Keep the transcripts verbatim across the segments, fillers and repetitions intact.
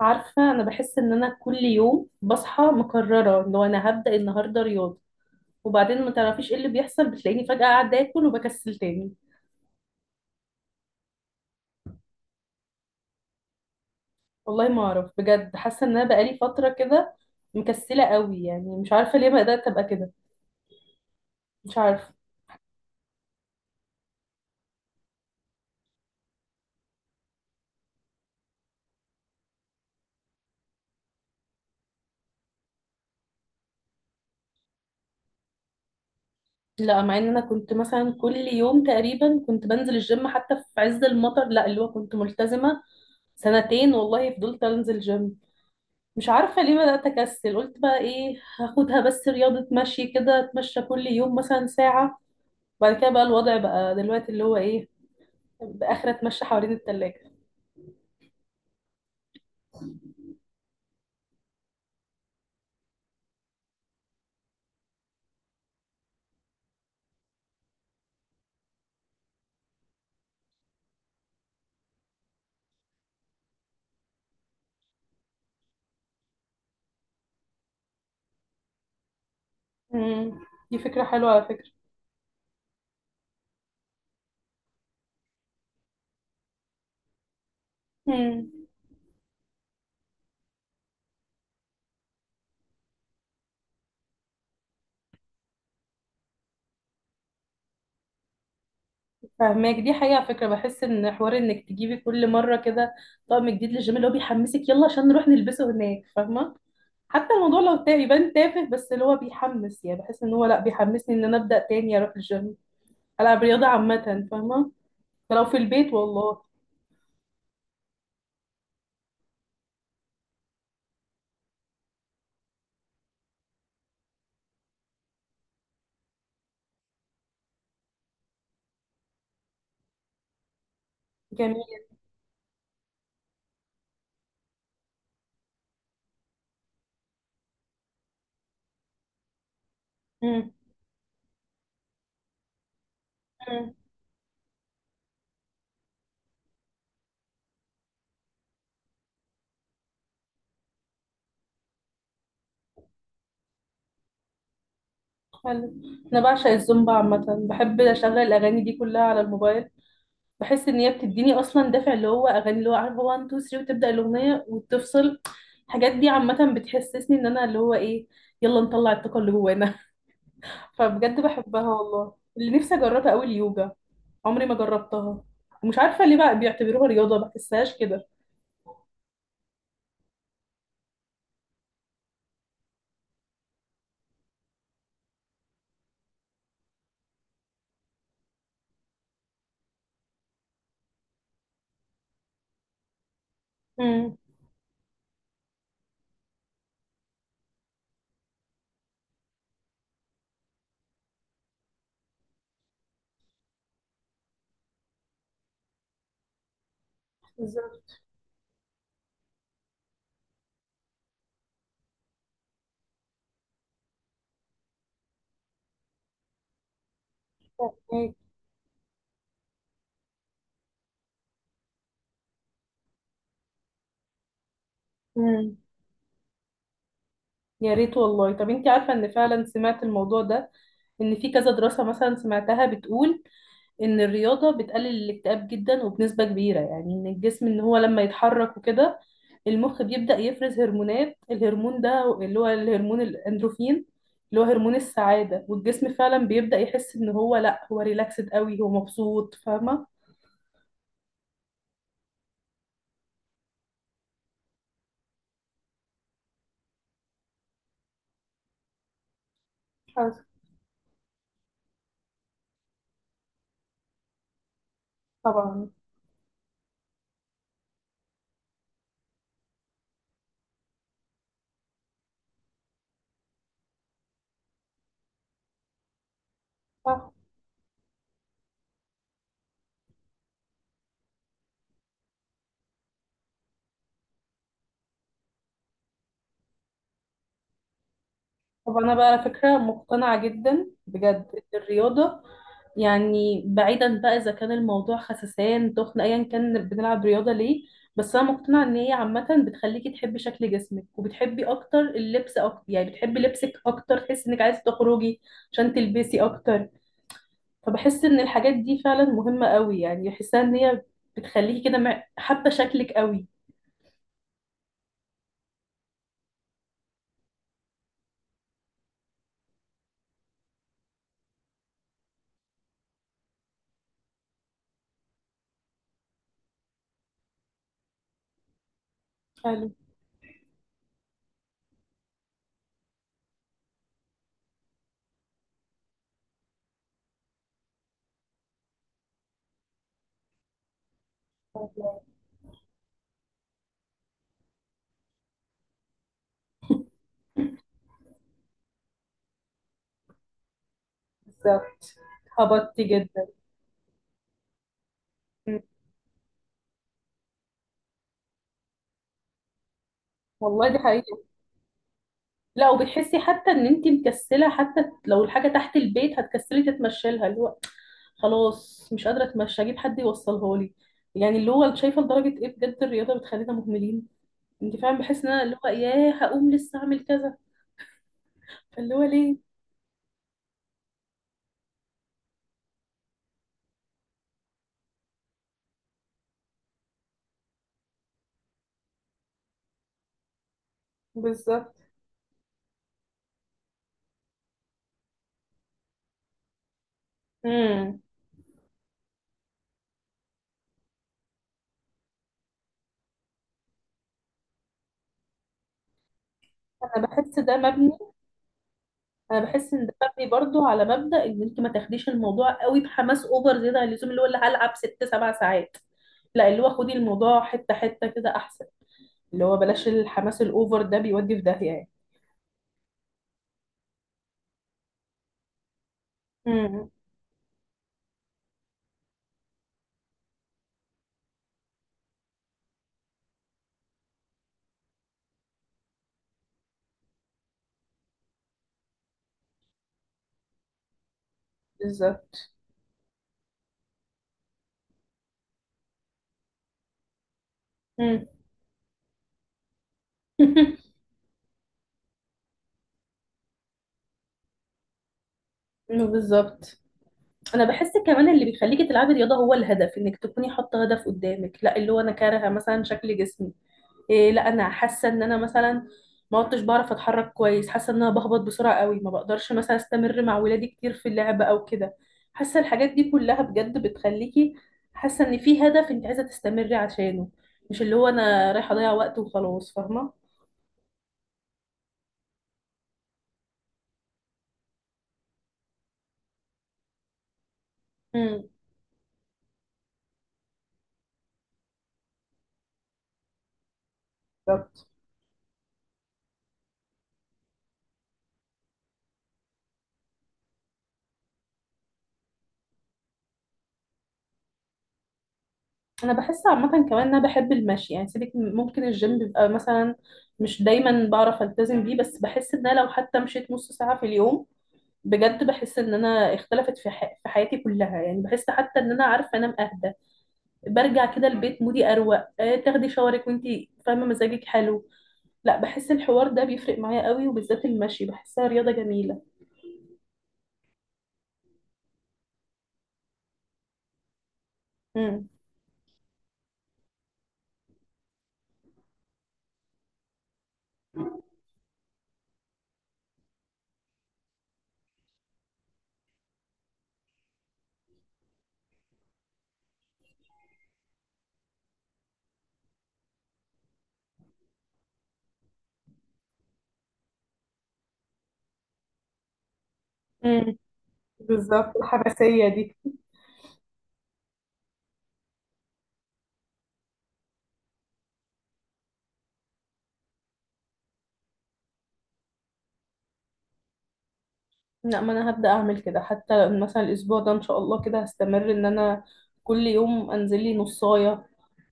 عارفة، أنا بحس إن أنا كل يوم بصحى مكررة لو أنا هبدأ النهاردة رياضة، وبعدين ما تعرفيش إيه اللي بيحصل، بتلاقيني فجأة قاعدة آكل وبكسل تاني. والله ما أعرف، بجد حاسة إن أنا بقالي فترة كده مكسلة قوي، يعني مش عارفة ليه بدأت أبقى كده. مش عارفة. لا، مع إن أنا كنت مثلا كل يوم تقريبا كنت بنزل الجيم، حتى في عز المطر، لا اللي هو كنت ملتزمة سنتين والله، فضلت أنزل جيم. مش عارفة ليه بدأت أكسل. قلت بقى إيه، هاخدها بس رياضة مشي كده، أتمشى كل يوم مثلا ساعة. بعد كده بقى الوضع بقى دلوقتي اللي هو إيه، بآخر أتمشى حوالين التلاجة. مم. دي فكرة حلوة على فكرة. مم. فهماك، دي حقيقة على فكرة. بحس إن حوار إنك تجيبي كل مرة كده طقم جديد للجيم اللي هو بيحمسك، يلا عشان نروح نلبسه هناك، فاهمة؟ حتى الموضوع لو تا- يبان تافه، بس اللي هو بيحمس، يعني بحس إن هو لأ، بيحمسني إن أنا أبدأ تاني أروح الجيم، ألعب رياضة عامة، فاهمة؟ ده لو في البيت والله. جميل. امم. امم. حلو. انا بعشق الزومبا عامه، بحب اشغل الاغاني دي كلها على الموبايل. بحس ان هي بتديني اصلا دافع، اللي هو اغاني، اللي هو عارف، هو واحد اتنين تلاتة وتبدا الاغنيه وتفصل. الحاجات دي عامه بتحسسني ان انا اللي هو ايه، يلا نطلع الطاقه اللي جوانا. فبجد بحبها والله. اللي نفسي اجربها قوي اليوجا، عمري ما جربتها. ومش عارفه ليه بقى بيعتبروها رياضه، ما بحسهاش كده. امم. بالظبط. امم. يا ريت والله. طب انت عارفة ان فعلا سمعت الموضوع ده، ان في كذا دراسة مثلا سمعتها بتقول ان الرياضة بتقلل الاكتئاب جدا وبنسبة كبيرة، يعني ان الجسم، ان هو لما يتحرك وكده، المخ بيبدأ يفرز هرمونات، الهرمون ده اللي هو الهرمون الاندروفين، اللي هو هرمون السعادة، والجسم فعلا بيبدأ يحس ان هو لا، هو ريلاكسد قوي، هو مبسوط، فاهمة؟ حصل. طبعا. صح. طب انا بقى على فكره مقتنعه جدا بجد إن الرياضه، يعني بعيدا بقى اذا كان الموضوع خسسان تخن ايا كان بنلعب رياضه ليه، بس انا مقتنعه ان هي عامه بتخليكي تحبي شكل جسمك، وبتحبي اكتر اللبس اكتر، يعني بتحبي لبسك اكتر، تحسي انك عايزه تخرجي عشان تلبسي اكتر. فبحس ان الحاجات دي فعلا مهمه قوي، يعني بحسها ان هي بتخليكي كده مع- حابه شكلك قوي. حلو. بالظبط. هبطتي جدا. مم. والله دي حقيقة. لا، وبتحسي حتى ان انت مكسله حتى لو الحاجه تحت البيت، هتكسلي تتمشي لها، اللي هو خلاص مش قادره اتمشى، اجيب حد يوصلها لي. يعني اللي هو شايفه لدرجه ايه بجد الرياضه بتخلينا مهملين. انت فعلا بحس ان انا اللي هو ياه، هقوم لسه اعمل كذا، فاللي هو ليه؟ بالظبط. امم. انا بحس ده مبني، انا بحس ان ده مبني برضو على مبدأ ان انت ما تاخديش الموضوع قوي بحماس اوفر زياده عن اللزوم، اللي هو اللي هلعب ست سبع ساعات. لا، اللي هو خدي الموضوع حته حته كده احسن، اللي هو بلاش الحماس الأوفر ده، بيودي في داهية يعني. امم. بالظبط. امم. بالظبط. انا بحس كمان اللي بيخليكي تلعبي رياضه هو الهدف، انك تكوني حاطه هدف قدامك، لا اللي هو انا كارهه مثلا شكل جسمي، إيه، لا انا حاسه ان انا مثلا ما عدتش بعرف اتحرك كويس، حاسه ان انا بهبط بسرعه قوي، ما بقدرش مثلا استمر مع ولادي كتير في اللعب او كده. حاسه الحاجات دي كلها بجد بتخليكي حاسه ان في هدف انت عايزه تستمري عشانه، مش اللي هو انا رايحه اضيع وقت وخلاص، فاهمه؟ بالظبط. انا بحس عامه كمان ان انا بحب المشي، يعني سيبك من- ممكن الجيم بيبقى مثلا مش دايما بعرف التزم بيه، بس بحس ان انا لو حتى مشيت نص ساعه في اليوم، بجد بحس ان انا اختلفت في ح... في حياتي كلها، يعني بحس حتى ان انا عارفه انام اهدى، برجع كده البيت مودي اروق، آه، تاخدي شاورك وانتي فاهمه مزاجك حلو. لا، بحس الحوار ده بيفرق معايا قوي، وبالذات المشي بحسها رياضه جميله. امم. امم. بالظبط، الحماسية دي. لا، ما انا هبدأ اعمل كده، حتى مثلا الاسبوع ده ان شاء الله كده هستمر، ان انا كل يوم انزل لي نصاية،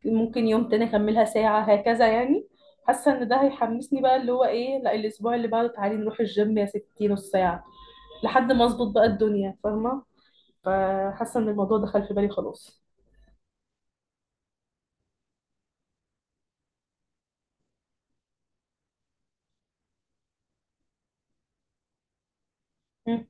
ممكن يوم تاني اكملها ساعة، هكذا يعني. حاسة ان ده هيحمسني بقى، اللي هو ايه، لا الاسبوع اللي بعده تعالي نروح الجيم يا ستي نص ساعة، لحد ما اظبط بقى الدنيا، فاهمة؟ فحاسة ان الموضوع دخل في بالي خلاص. مم.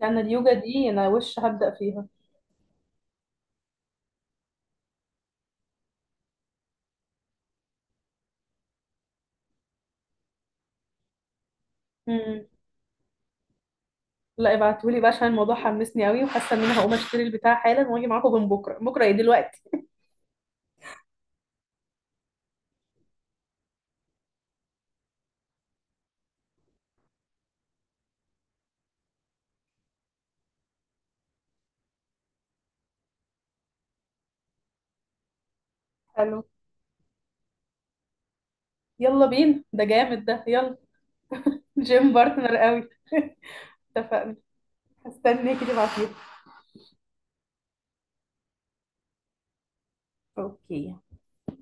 لان اليوجا دي انا وش هبدأ فيها. مم. لا ابعتولي بقى، عشان الموضوع حمسني قوي، وحاسة ان انا هقوم اشتري البتاع حالا، واجي معاكم من بكرة بكرة، ايه دلوقتي؟ حلو. يلا بينا، ده جامد ده، يلا. جيم بارتنر قوي. اتفقنا. هستناك كده بعدين. اوكي.